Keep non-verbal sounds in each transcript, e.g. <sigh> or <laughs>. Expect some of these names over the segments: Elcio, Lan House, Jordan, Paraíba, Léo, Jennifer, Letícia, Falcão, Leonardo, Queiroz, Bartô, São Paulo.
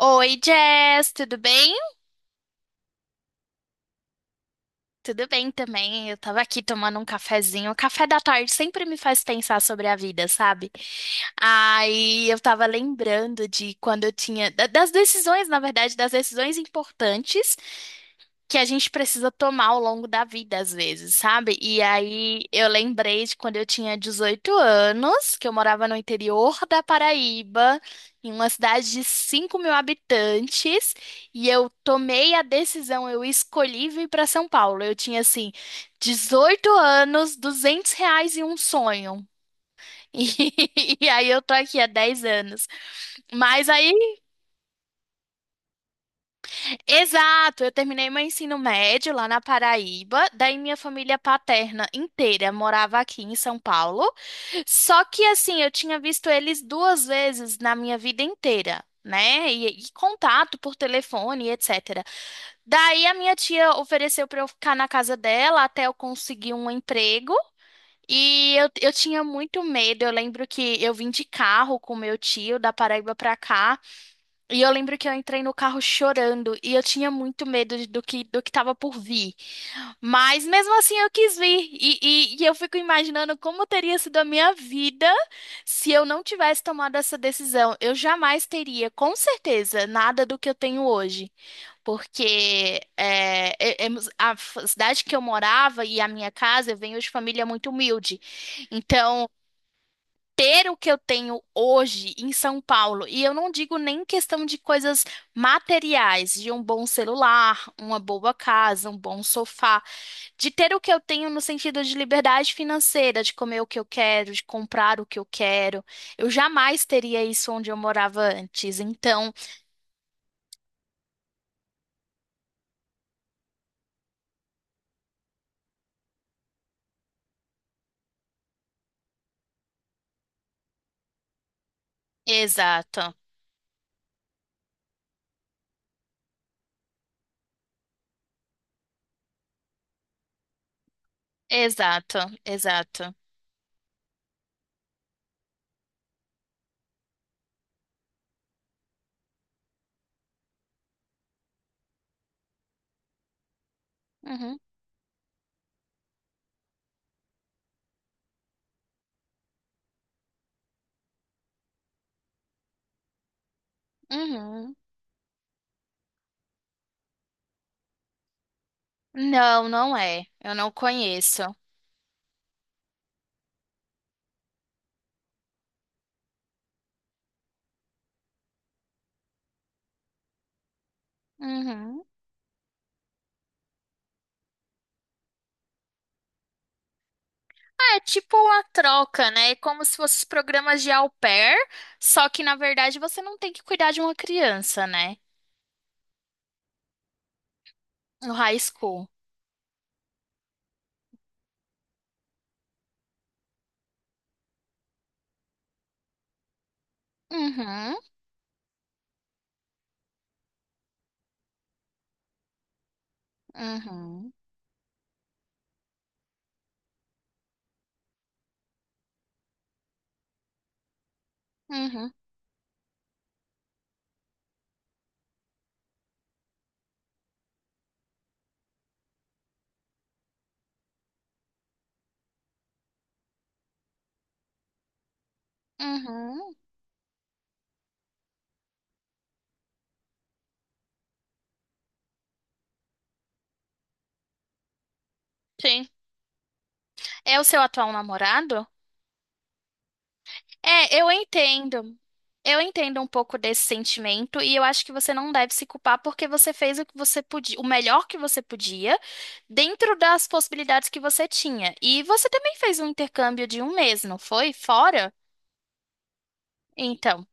Oi, Jess, tudo bem? Tudo bem também. Eu tava aqui tomando um cafezinho. O café da tarde sempre me faz pensar sobre a vida, sabe? Aí eu tava lembrando de quando das decisões, na verdade, das decisões importantes que a gente precisa tomar ao longo da vida, às vezes, sabe? E aí eu lembrei de quando eu tinha 18 anos, que eu morava no interior da Paraíba, em uma cidade de 5 mil habitantes, e eu tomei a decisão, eu escolhi vir para São Paulo. Eu tinha, assim, 18 anos, R$ 200 e um sonho. <laughs> E, aí eu tô aqui há 10 anos. Mas aí. Exato, eu terminei meu ensino médio lá na Paraíba, daí minha família paterna inteira morava aqui em São Paulo. Só que assim, eu tinha visto eles 2 vezes na minha vida inteira, né? E contato por telefone, etc. Daí a minha tia ofereceu para eu ficar na casa dela até eu conseguir um emprego. E eu tinha muito medo. Eu lembro que eu vim de carro com meu tio da Paraíba para cá. E eu lembro que eu entrei no carro chorando e eu tinha muito medo do que estava por vir. Mas mesmo assim eu quis vir. E eu fico imaginando como teria sido a minha vida se eu não tivesse tomado essa decisão. Eu jamais teria, com certeza, nada do que eu tenho hoje. Porque a cidade que eu morava e a minha casa, eu venho de família muito humilde. Então ter o que eu tenho hoje em São Paulo, e eu não digo nem questão de coisas materiais, de um bom celular, uma boa casa, um bom sofá, de ter o que eu tenho no sentido de liberdade financeira, de comer o que eu quero, de comprar o que eu quero. Eu jamais teria isso onde eu morava antes. Então, exato, exato, exato. Uhum, uhum. Não, não é. Eu não conheço. Uhum. É tipo uma troca, né? É como se fossem os programas de au pair, só que na verdade você não tem que cuidar de uma criança, né? No high school. Uhum, uhum, uhum, uhum. Sim. É o seu atual namorado? É, eu entendo. Eu entendo um pouco desse sentimento e eu acho que você não deve se culpar porque você fez o que você podia, o melhor que você podia, dentro das possibilidades que você tinha. E você também fez um intercâmbio de um mês, não foi? Fora? Então.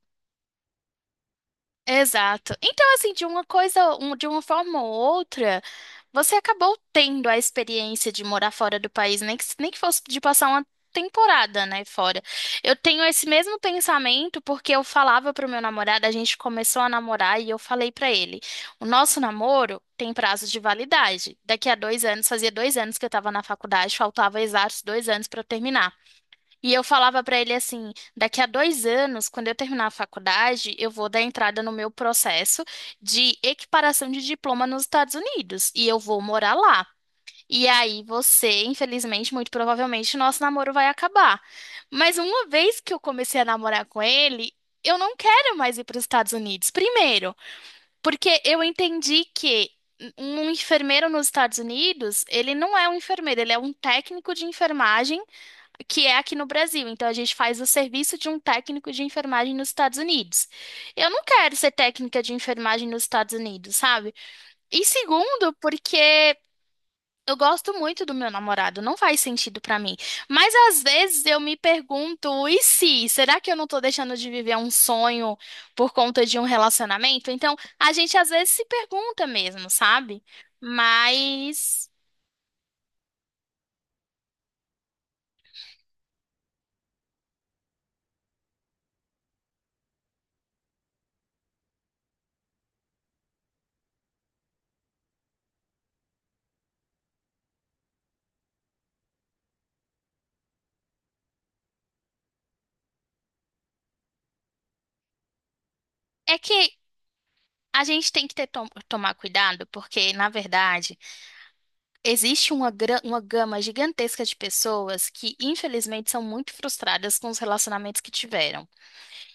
Exato. Então, assim, de uma coisa, de uma forma ou outra, você acabou tendo a experiência de morar fora do país, nem que, nem que fosse de passar uma temporada, né, fora. Eu tenho esse mesmo pensamento porque eu falava pro meu namorado, a gente começou a namorar e eu falei pra ele, o nosso namoro tem prazo de validade. Daqui a 2 anos, fazia 2 anos que eu tava na faculdade, faltava exatos 2 anos pra eu terminar. E eu falava pra ele assim: daqui a 2 anos, quando eu terminar a faculdade, eu vou dar entrada no meu processo de equiparação de diploma nos Estados Unidos e eu vou morar lá. E aí você, infelizmente, muito provavelmente, nosso namoro vai acabar. Mas uma vez que eu comecei a namorar com ele, eu não quero mais ir para os Estados Unidos. Primeiro, porque eu entendi que um enfermeiro nos Estados Unidos, ele não é um enfermeiro, ele é um técnico de enfermagem que é aqui no Brasil. Então a gente faz o serviço de um técnico de enfermagem nos Estados Unidos. Eu não quero ser técnica de enfermagem nos Estados Unidos, sabe? E segundo, porque eu gosto muito do meu namorado, não faz sentido pra mim. Mas às vezes eu me pergunto, e se? Será que eu não tô deixando de viver um sonho por conta de um relacionamento? Então a gente às vezes se pergunta mesmo, sabe? Mas é que a gente tem que ter, tomar cuidado, porque, na verdade, existe uma, uma gama gigantesca de pessoas que, infelizmente, são muito frustradas com os relacionamentos que tiveram.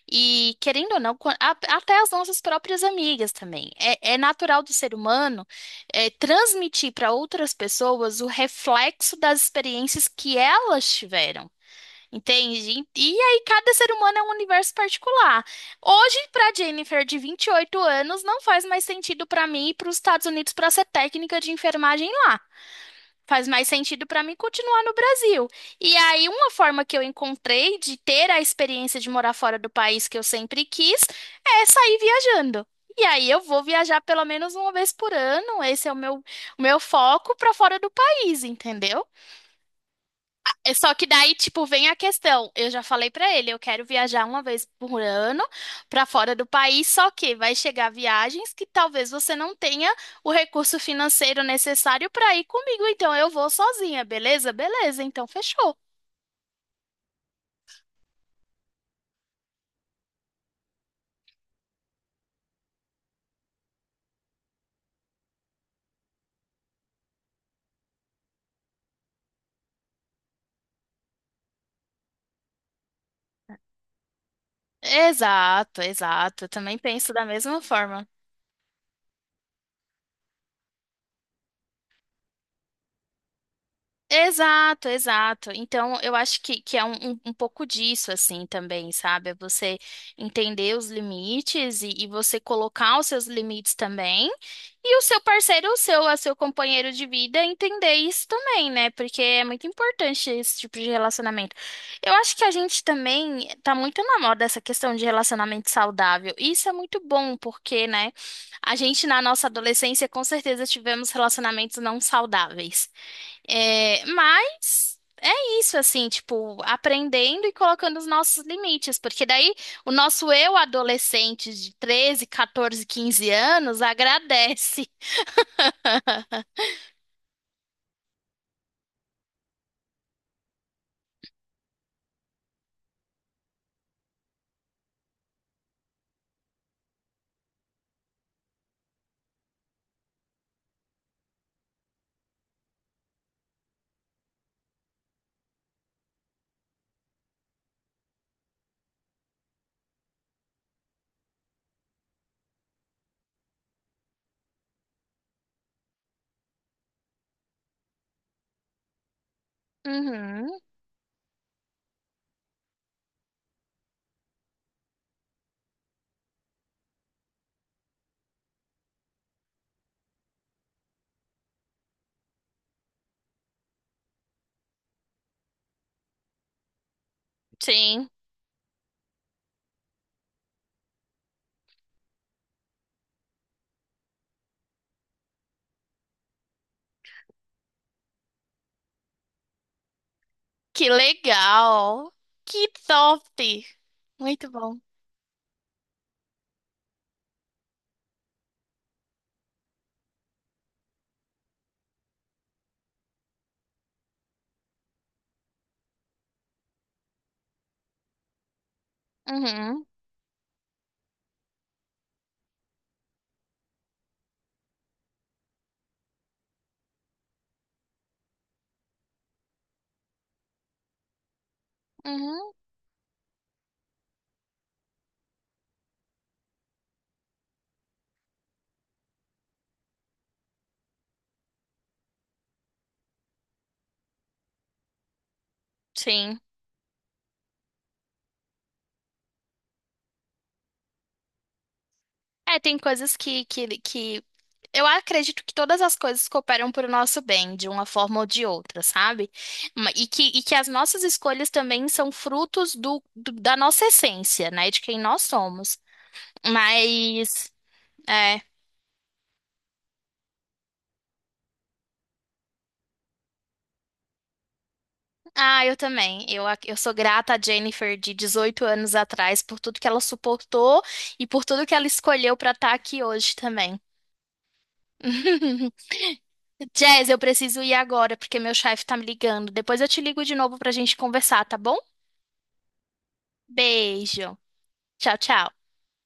E, querendo ou não, até as nossas próprias amigas também. É, é natural do ser humano, transmitir para outras pessoas o reflexo das experiências que elas tiveram. Entende? E aí, cada ser humano é um universo particular. Hoje, para Jennifer, de 28 anos, não faz mais sentido para mim ir para os Estados Unidos para ser técnica de enfermagem lá. Faz mais sentido para mim continuar no Brasil. E aí, uma forma que eu encontrei de ter a experiência de morar fora do país que eu sempre quis é sair viajando. E aí, eu vou viajar pelo menos uma vez por ano. Esse é o meu foco para fora do país, entendeu? É só que daí, tipo, vem a questão. Eu já falei pra ele, eu quero viajar uma vez por ano pra fora do país, só que vai chegar viagens que talvez você não tenha o recurso financeiro necessário pra ir comigo, então eu vou sozinha, beleza? Beleza, então fechou. Exato, exato. Eu também penso da mesma forma. Exato, exato. Então, eu acho que é um, pouco disso, assim, também, sabe? É, você entender os limites e você colocar os seus limites também. E o seu parceiro, o seu companheiro de vida, entender isso também, né? Porque é muito importante esse tipo de relacionamento. Eu acho que a gente também tá muito na moda essa questão de relacionamento saudável. E isso é muito bom, porque, né? A gente, na nossa adolescência, com certeza tivemos relacionamentos não saudáveis. É, mas é isso, assim, tipo, aprendendo e colocando os nossos limites, porque daí o nosso eu adolescente de 13 14, 15 anos agradece. <laughs> Uhum, sim. Que legal. Que top. Muito bom. Uhum, uhum, sim. É, tem coisas que eu acredito que todas as coisas cooperam para o nosso bem, de uma forma ou de outra, sabe? E que as nossas escolhas também são frutos da nossa essência, né? De quem nós somos. Mas, é. Ah, eu também. Eu sou grata à Jennifer de 18 anos atrás por tudo que ela suportou e por tudo que ela escolheu para estar aqui hoje também. <laughs> Jazz, eu preciso ir agora porque meu chefe tá me ligando. Depois eu te ligo de novo pra gente conversar, tá bom? Beijo. Tchau, tchau.